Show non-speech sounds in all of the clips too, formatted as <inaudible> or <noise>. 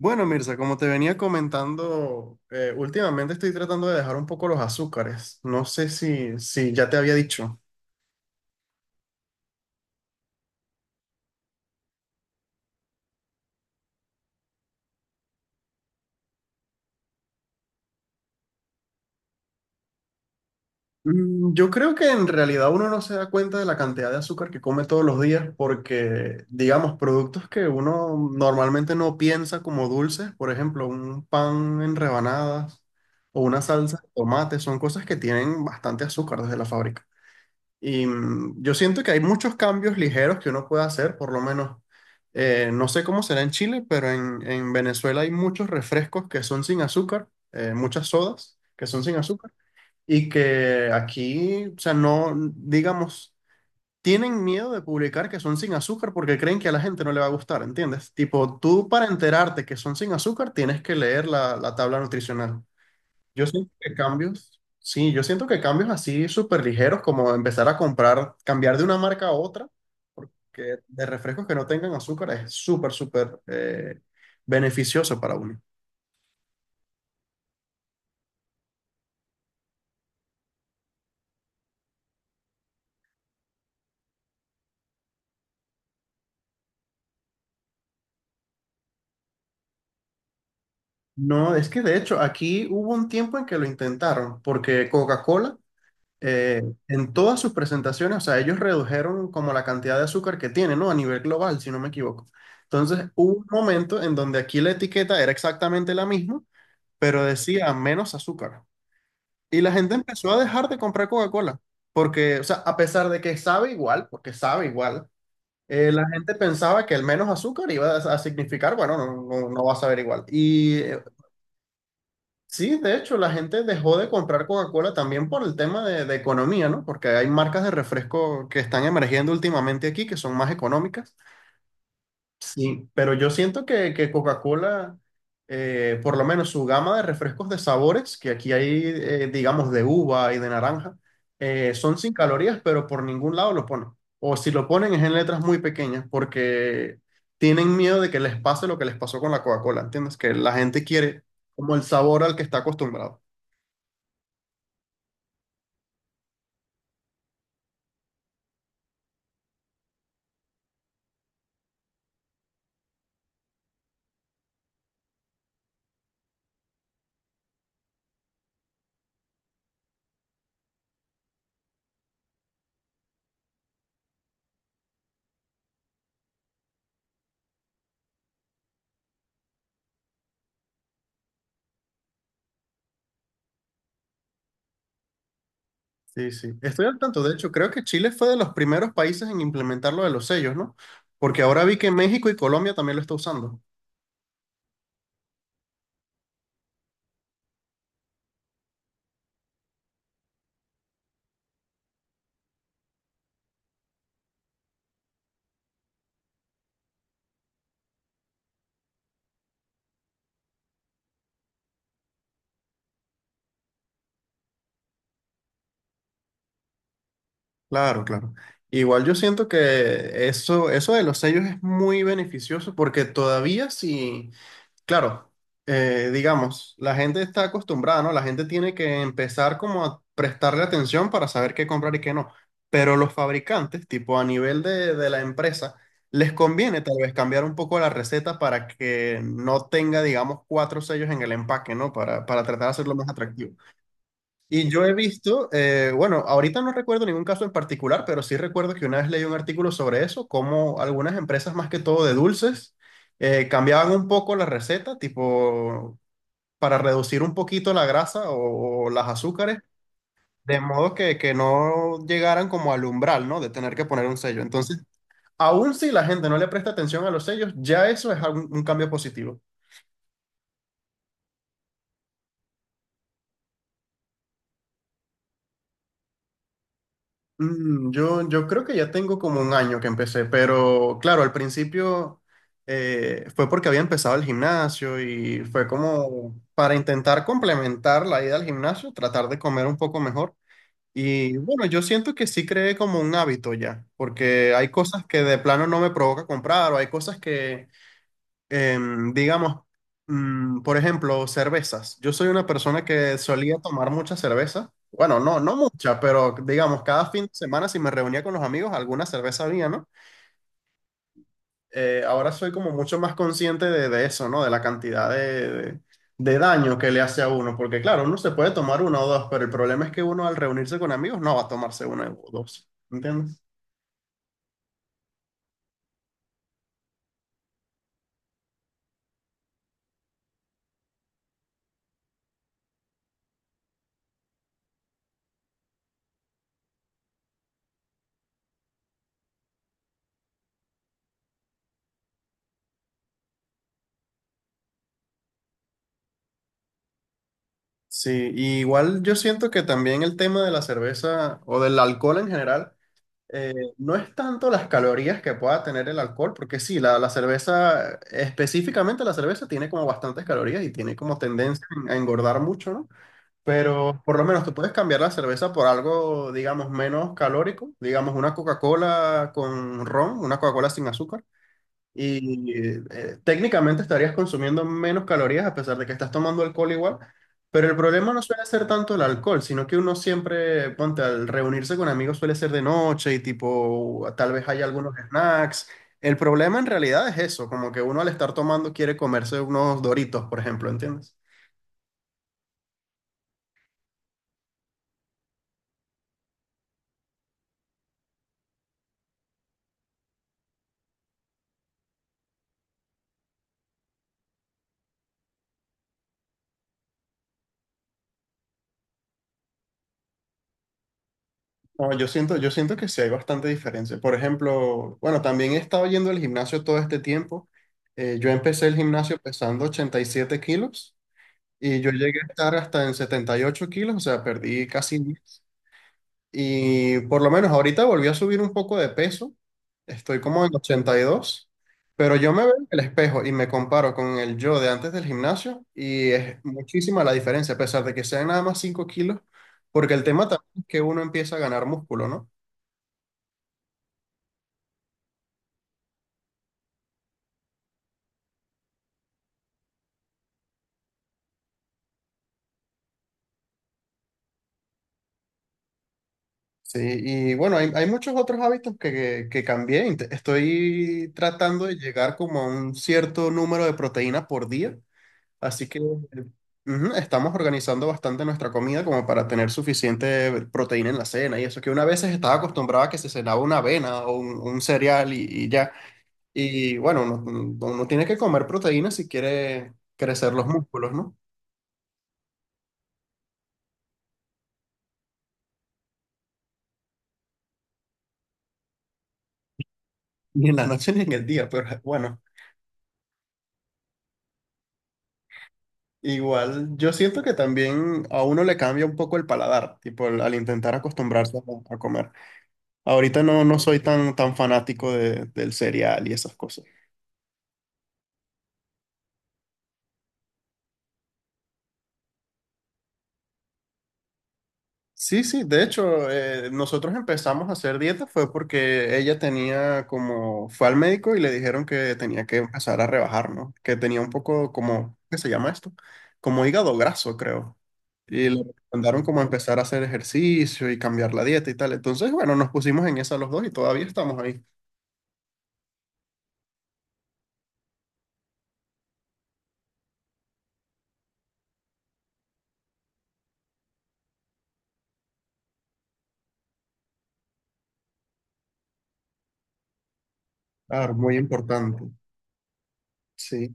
Bueno, Mirza, como te venía comentando, últimamente estoy tratando de dejar un poco los azúcares. No sé si ya te había dicho. Yo creo que en realidad uno no se da cuenta de la cantidad de azúcar que come todos los días porque, digamos, productos que uno normalmente no piensa como dulces, por ejemplo, un pan en rebanadas o una salsa de tomate, son cosas que tienen bastante azúcar desde la fábrica. Y yo siento que hay muchos cambios ligeros que uno puede hacer, por lo menos, no sé cómo será en Chile, pero en Venezuela hay muchos refrescos que son sin azúcar, muchas sodas que son sin azúcar, y que aquí, o sea, no, digamos, tienen miedo de publicar que son sin azúcar porque creen que a la gente no le va a gustar, ¿entiendes? Tipo, tú para enterarte que son sin azúcar tienes que leer la tabla nutricional. Yo siento que cambios, sí, yo siento que cambios así súper ligeros, como empezar a comprar, cambiar de una marca a otra, porque de refrescos que no tengan azúcar es súper, súper beneficioso para uno. No, es que de hecho aquí hubo un tiempo en que lo intentaron, porque Coca-Cola eh, en todas sus presentaciones, o sea, ellos redujeron como la cantidad de azúcar que tiene, ¿no? A nivel global, si no me equivoco. Entonces, hubo un momento en donde aquí la etiqueta era exactamente la misma, pero decía menos azúcar. Y la gente empezó a dejar de comprar Coca-Cola, porque, o sea, a pesar de que sabe igual, porque sabe igual, la gente pensaba que el menos azúcar iba a significar, bueno, no va a saber igual. Y sí, de hecho, la gente dejó de comprar Coca-Cola también por el tema de economía, ¿no? Porque hay marcas de refresco que están emergiendo últimamente aquí, que son más económicas. Sí, pero yo siento que Coca-Cola, por lo menos su gama de refrescos de sabores, que aquí hay, digamos, de uva y de naranja, son sin calorías, pero por ningún lado lo ponen. O si lo ponen es en letras muy pequeñas, porque tienen miedo de que les pase lo que les pasó con la Coca-Cola, ¿entiendes? Que la gente quiere como el sabor al que está acostumbrado. Sí, sí. Estoy al tanto. De hecho, creo que Chile fue de los primeros países en implementar lo de los sellos, ¿no? Porque ahora vi que México y Colombia también lo está usando. Claro, claro. Igual yo siento que eso de los sellos es muy beneficioso porque todavía si, claro, digamos, la gente está acostumbrada, ¿no? La gente tiene que empezar como a prestarle atención para saber qué comprar y qué no. Pero los fabricantes, tipo a nivel de la empresa, les conviene tal vez cambiar un poco la receta para que no tenga, digamos, cuatro sellos en el empaque, ¿no? Para tratar de hacerlo más atractivo. Y yo he visto, bueno, ahorita no recuerdo ningún caso en particular, pero sí recuerdo que una vez leí un artículo sobre eso, cómo algunas empresas, más que todo de dulces, cambiaban un poco la receta, tipo para reducir un poquito la grasa o las azúcares, de modo que no llegaran como al umbral, ¿no? De tener que poner un sello. Entonces, aun si la gente no le presta atención a los sellos, ya eso es un cambio positivo. Yo creo que ya tengo como un año que empecé, pero claro, al principio fue porque había empezado el gimnasio y fue como para intentar complementar la ida al gimnasio, tratar de comer un poco mejor. Y bueno, yo siento que sí creé como un hábito ya, porque hay cosas que de plano no me provoca comprar o hay cosas que digamos, por ejemplo, cervezas. Yo soy una persona que solía tomar mucha cerveza. Bueno, no mucha, pero digamos, cada fin de semana si me reunía con los amigos, alguna cerveza había, ¿no? Ahora soy como mucho más consciente de eso, ¿no? De la cantidad de daño que le hace a uno, porque claro, uno se puede tomar una o dos, pero el problema es que uno al reunirse con amigos no va a tomarse una o dos, ¿entiendes? Sí, y igual yo siento que también el tema de la cerveza o del alcohol en general Eh, no es tanto las calorías que pueda tener el alcohol, porque sí, la cerveza, específicamente la cerveza, tiene como bastantes calorías y tiene como tendencia a engordar mucho, ¿no? Pero por lo menos tú puedes cambiar la cerveza por algo, digamos, menos calórico, digamos, una Coca-Cola con ron, una Coca-Cola sin azúcar. Y técnicamente estarías consumiendo menos calorías a pesar de que estás tomando alcohol igual, pero el problema no suele ser tanto el alcohol, sino que uno siempre, ponte, al reunirse con amigos suele ser de noche y tipo, tal vez hay algunos snacks. El problema en realidad es eso, como que uno al estar tomando quiere comerse unos Doritos, por ejemplo, ¿entiendes? No, yo siento que sí hay bastante diferencia. Por ejemplo, bueno, también he estado yendo al gimnasio todo este tiempo. Yo empecé el gimnasio pesando 87 kilos. Y yo llegué a estar hasta en 78 kilos, o sea, perdí casi 10. Y por lo menos ahorita volví a subir un poco de peso, estoy como en 82, pero yo me veo en el espejo y me comparo con el yo de antes del gimnasio y es muchísima la diferencia, a pesar de que sean nada más 5 kilos, porque el tema también es que uno empieza a ganar músculo, ¿no? Sí, y bueno, hay muchos otros hábitos que cambié. Estoy tratando de llegar como a un cierto número de proteínas por día. Así que ujú, estamos organizando bastante nuestra comida como para tener suficiente proteína en la cena y eso, que una vez estaba acostumbrada a que se cenaba una avena o un cereal y ya. Y bueno, uno tiene que comer proteína si quiere crecer los músculos, ¿no? <laughs> Ni en la noche ni en el día, pero bueno, igual yo siento que también a uno le cambia un poco el paladar, tipo al intentar acostumbrarse a comer. Ahorita no soy tan fanático del cereal y esas cosas. Sí, sí, de hecho, nosotros empezamos a hacer dieta fue porque ella tenía como, fue al médico y le dijeron que tenía que empezar a rebajar, ¿no? Que tenía un poco como, ¿qué se llama esto? Como hígado graso, creo. Y le recomendaron como empezar a hacer ejercicio y cambiar la dieta y tal. Entonces, bueno, nos pusimos en esa los dos y todavía estamos ahí. Claro, muy importante. Sí,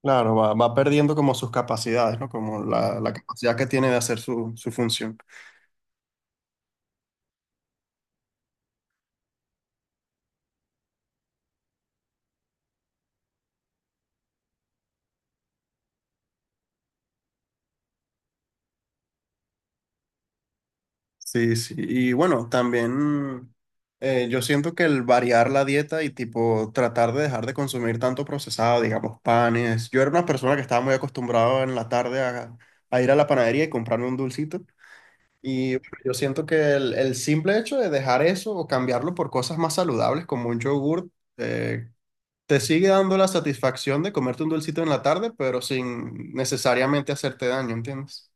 claro, va perdiendo como sus capacidades, ¿no? Como la capacidad que tiene de hacer su función. Sí, sí. Y bueno, también yo siento que el variar la dieta y tipo tratar de dejar de consumir tanto procesado, digamos, panes. Yo era una persona que estaba muy acostumbrado en la tarde a ir a la panadería y comprarme un dulcito. Y bueno, yo siento que el simple hecho de dejar eso o cambiarlo por cosas más saludables como un yogur, eh, te sigue dando la satisfacción de comerte un dulcito en la tarde, pero sin necesariamente hacerte daño, ¿entiendes?